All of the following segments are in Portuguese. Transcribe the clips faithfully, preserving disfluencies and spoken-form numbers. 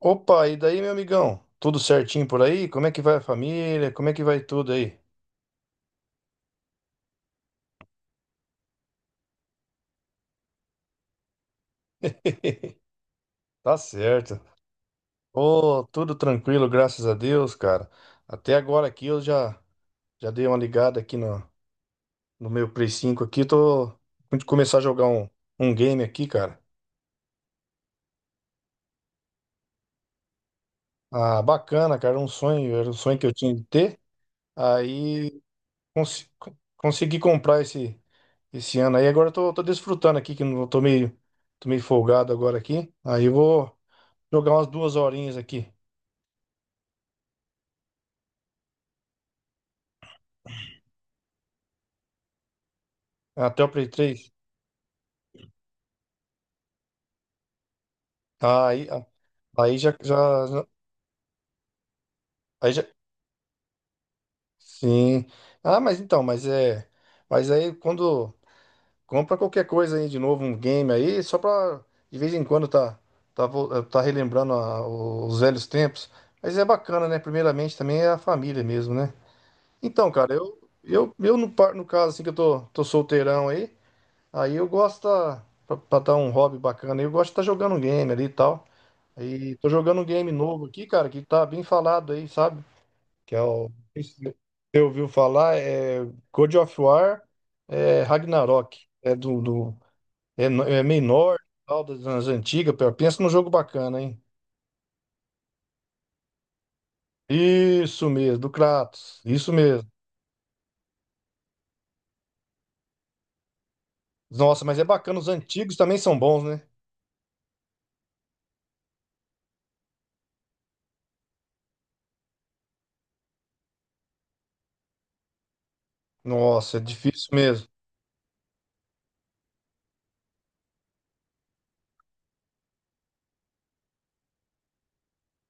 Opa, e daí, meu amigão? Tudo certinho por aí? Como é que vai a família? Como é que vai tudo aí? Tá certo. Ô, tudo tranquilo, graças a Deus, cara. Até agora aqui eu já já dei uma ligada aqui no, no meu Play cinco aqui, tô de começar a jogar um, um game aqui, cara. Ah, bacana, cara, um sonho, era um sonho que eu tinha de ter. Aí cons- consegui comprar esse esse ano aí. Agora eu tô, tô desfrutando aqui, que eu não tô meio, tô meio folgado agora aqui. Aí eu vou jogar umas duas horinhas aqui. Até o Play três. Ah, aí, ah, aí já, já, já- aí já. Sim. Ah, mas então, mas é. Mas aí quando. Compra qualquer coisa aí de novo, um game aí, só pra. De vez em quando tá. Tá, vo- tá relembrando a- os velhos tempos. Mas é bacana, né? Primeiramente também é a família mesmo, né? Então, cara, eu. Eu, eu no, par- no caso, assim, que eu tô, tô solteirão aí. Aí eu gosto. Tá, Pra, pra dar um hobby bacana aí, eu gosto de estar jogando um game ali e tal. Aí tô jogando um game novo aqui, cara, que tá bem falado aí, sabe? Que é o. Você ouviu falar? É God of War, é Ragnarok. É do, do- é, no- é meio nórdico, tal, das, das antigas. Pô, pensa num jogo bacana, hein? Isso mesmo, do Kratos. Isso mesmo. Nossa, mas é bacana, os antigos também são bons, né? Nossa, é difícil mesmo.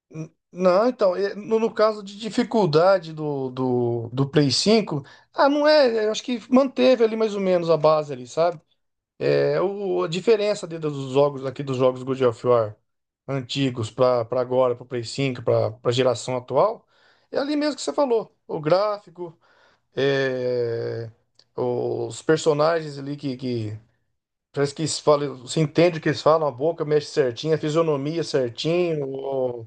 N- Não, então, e- no, no caso de dificuldade do, do, do Play cinco, ah, não é, eu acho que manteve ali mais ou menos a base ali, sabe? É, o, a diferença de- dos jogos aqui, dos jogos God of War antigos para agora, para o Play cinco, para a geração atual, é ali mesmo que você falou. O gráfico, é, os personagens ali que, que parece que eles falam, você entende o que eles falam, a boca mexe certinho, a fisionomia certinho,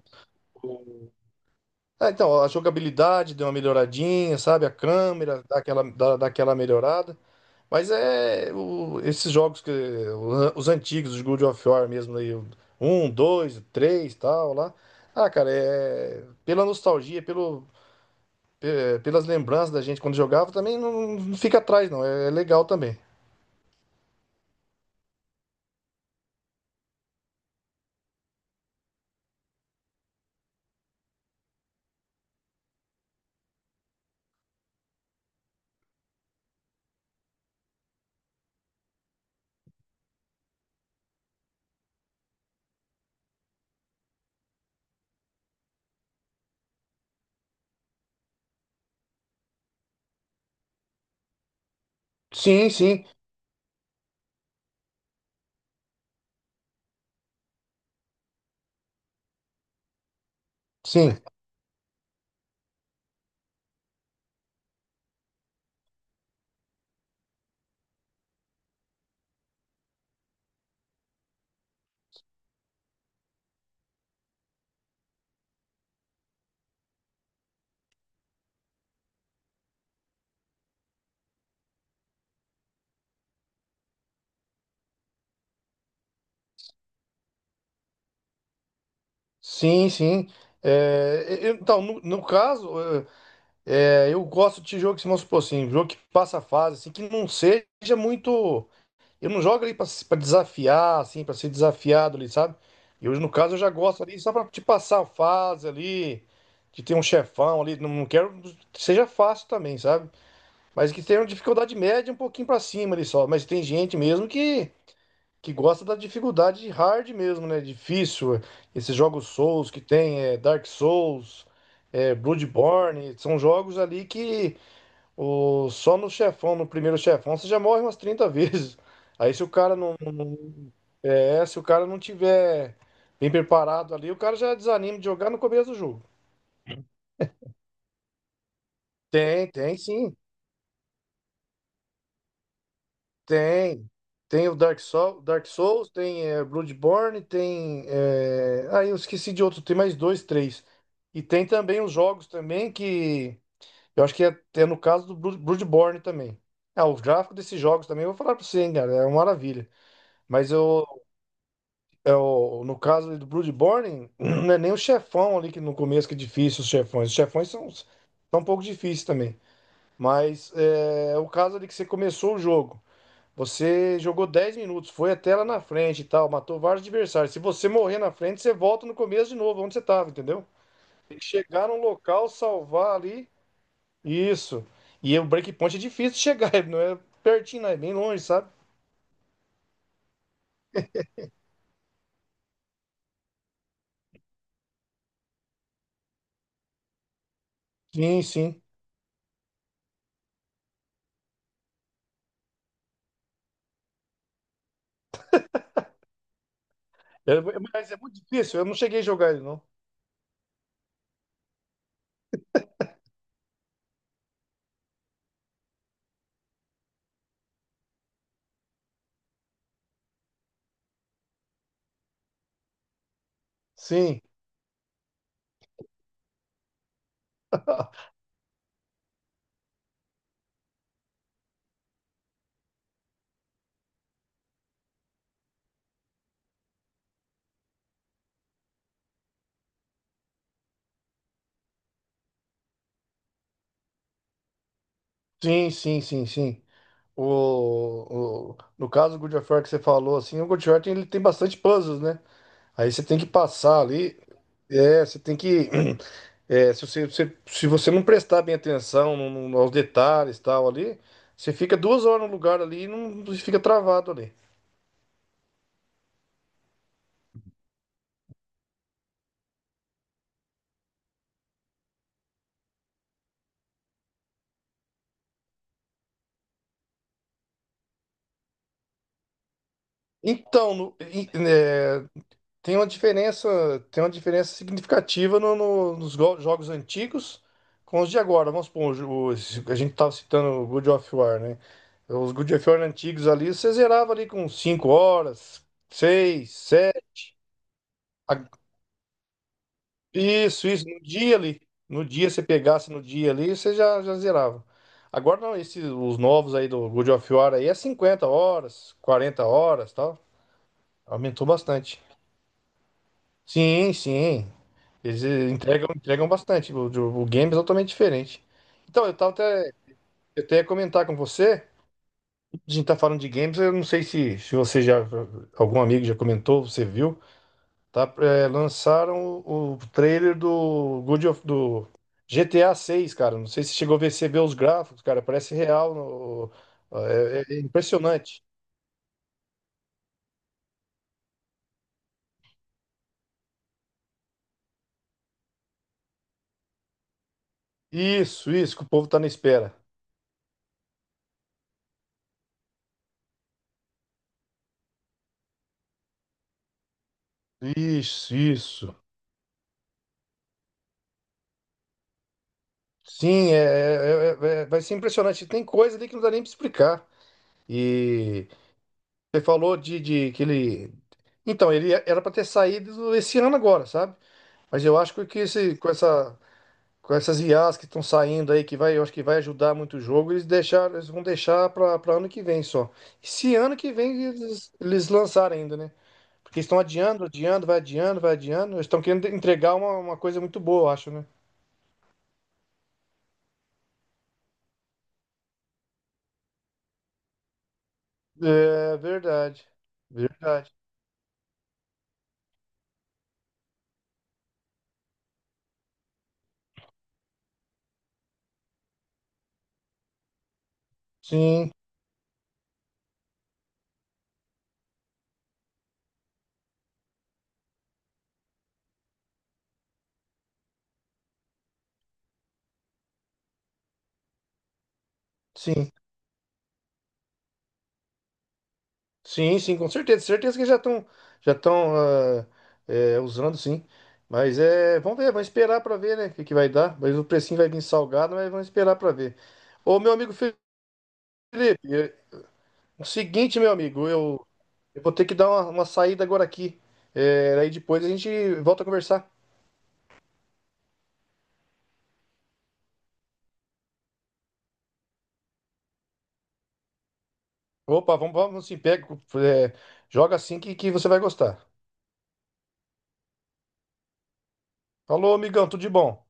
ah, então, a jogabilidade deu uma melhoradinha, sabe? A câmera dá aquela, dá, dá aquela melhorada. Mas é o- esses jogos que o- os antigos, os God of War mesmo aí, o um, dois, três, tal lá. Ah, cara, é pela nostalgia, pelo, pe- pelas lembranças da gente quando jogava, também não, não fica atrás não, é, é legal também. Sim, sim, sim, sim, sim. É, e- então, no, no caso, é, É, eu gosto de jogo que se mostra assim, jogo que passa a fase, assim, que não seja muito. Eu não jogo ali pra, pra desafiar, assim, pra ser desafiado ali, sabe? E hoje, no caso, eu já gosto ali só pra te passar a fase ali, de ter um chefão ali. Não, não quero que seja fácil também, sabe? Mas que tenha uma dificuldade média um pouquinho pra cima ali só. Mas tem gente mesmo que, que gosta da dificuldade hard mesmo, né? Difícil. Esses jogos Souls que tem, é, Dark Souls, é, Bloodborne, são jogos ali que. O, só no chefão, no primeiro chefão, você já morre umas trinta vezes. Aí se o cara não é, se o cara não tiver bem preparado ali, o cara já desanima de jogar no começo do jogo. Tem, tem sim. Tem. Tem o Dark soul Dark Souls, tem, é, Bloodborne, tem. É... Aí eu esqueci de outro, tem mais dois, três. E tem também os jogos também que. Eu acho que é, é no caso do Blood- Bloodborne também. Ah, o gráfico desses jogos também, eu vou falar pra você, hein, cara, é uma maravilha. Mas eu, É o, no caso ali do Bloodborne, não é nem o chefão ali que no começo que é difícil, os chefões. Os chefões são, são um pouco difíceis também. Mas é o caso ali que você começou o jogo. Você jogou dez minutos, foi até lá na frente e tal, matou vários adversários. Se você morrer na frente, você volta no começo de novo, onde você tava, entendeu? Tem que chegar num local, salvar ali. Isso. E o breakpoint é difícil de chegar, não é pertinho, não, é bem longe, sabe? Sim, sim. É- mas é muito difícil, eu não cheguei a jogar ele, não. Sim. Sim, sim, sim, sim. O, o- no caso do God of War que você falou, assim, o God of War tem, ele tem bastante puzzles, né? Aí você tem que passar ali, é, você tem que, é, se você, se, se você não prestar bem atenção no- no- aos detalhes e tal ali, você fica duas horas no lugar ali e não, fica travado ali. Então, no, Tem uma diferença, tem uma diferença significativa no- no- nos go- jogos antigos com os de agora. Vamos supor, o jo- o- a gente estava citando o God of War, né? Os God of War antigos ali, você zerava ali com cinco horas, seis, sete. Isso, isso, no dia ali. No dia, você pegasse no dia ali, você já, já zerava. Agora não, esses, os novos aí do God of War aí é cinquenta horas, quarenta horas, tal. Aumentou bastante. Sim, sim. Eles eh, entregam, entregam bastante. O, o- o games é totalmente diferente. Então, eu tava até, eu até ia comentar com você. A gente tá falando de games, eu não sei se, se você já. Algum amigo já comentou, você viu. Tá, eh, lançaram o, o trailer do God of, do GTA seis, cara. Não sei se chegou a ver, você vê os gráficos, cara. Parece real. no- é, é impressionante. Isso, isso, que o povo tá na espera. Isso, isso. Sim, é, é- é- é- vai ser impressionante. Tem coisa ali que não dá nem para explicar. E você falou de, de que ele. Então, ele é, era para ter saído esse ano agora, sabe? Mas eu acho que esse, com essa, com essas I As que estão saindo aí, que vai, eu acho que vai ajudar muito o jogo, eles deixaram, eles vão deixar para ano que vem só. Se ano que vem eles, eles lançarem ainda, né? Porque estão adiando, adiando, vai adiando, vai adiando. Eles estão querendo entregar uma, uma coisa muito boa, eu acho, né? É verdade. Verdade. Sim. Sim, sim, sim, com certeza. Certeza que já estão já estão usando, sim. Mas é, vamos ver, vamos esperar para ver, né, o que, que vai dar. Mas o precinho vai vir salgado, mas vamos esperar para ver. Ô, meu amigo Felipe, é, o seguinte, meu amigo, eu, eu vou ter que dar uma, uma saída agora aqui. É, aí depois a gente volta a conversar. Opa, vamos, vamos sim, pega, é, joga assim que, que você vai gostar. Falou, amigão, tudo de bom.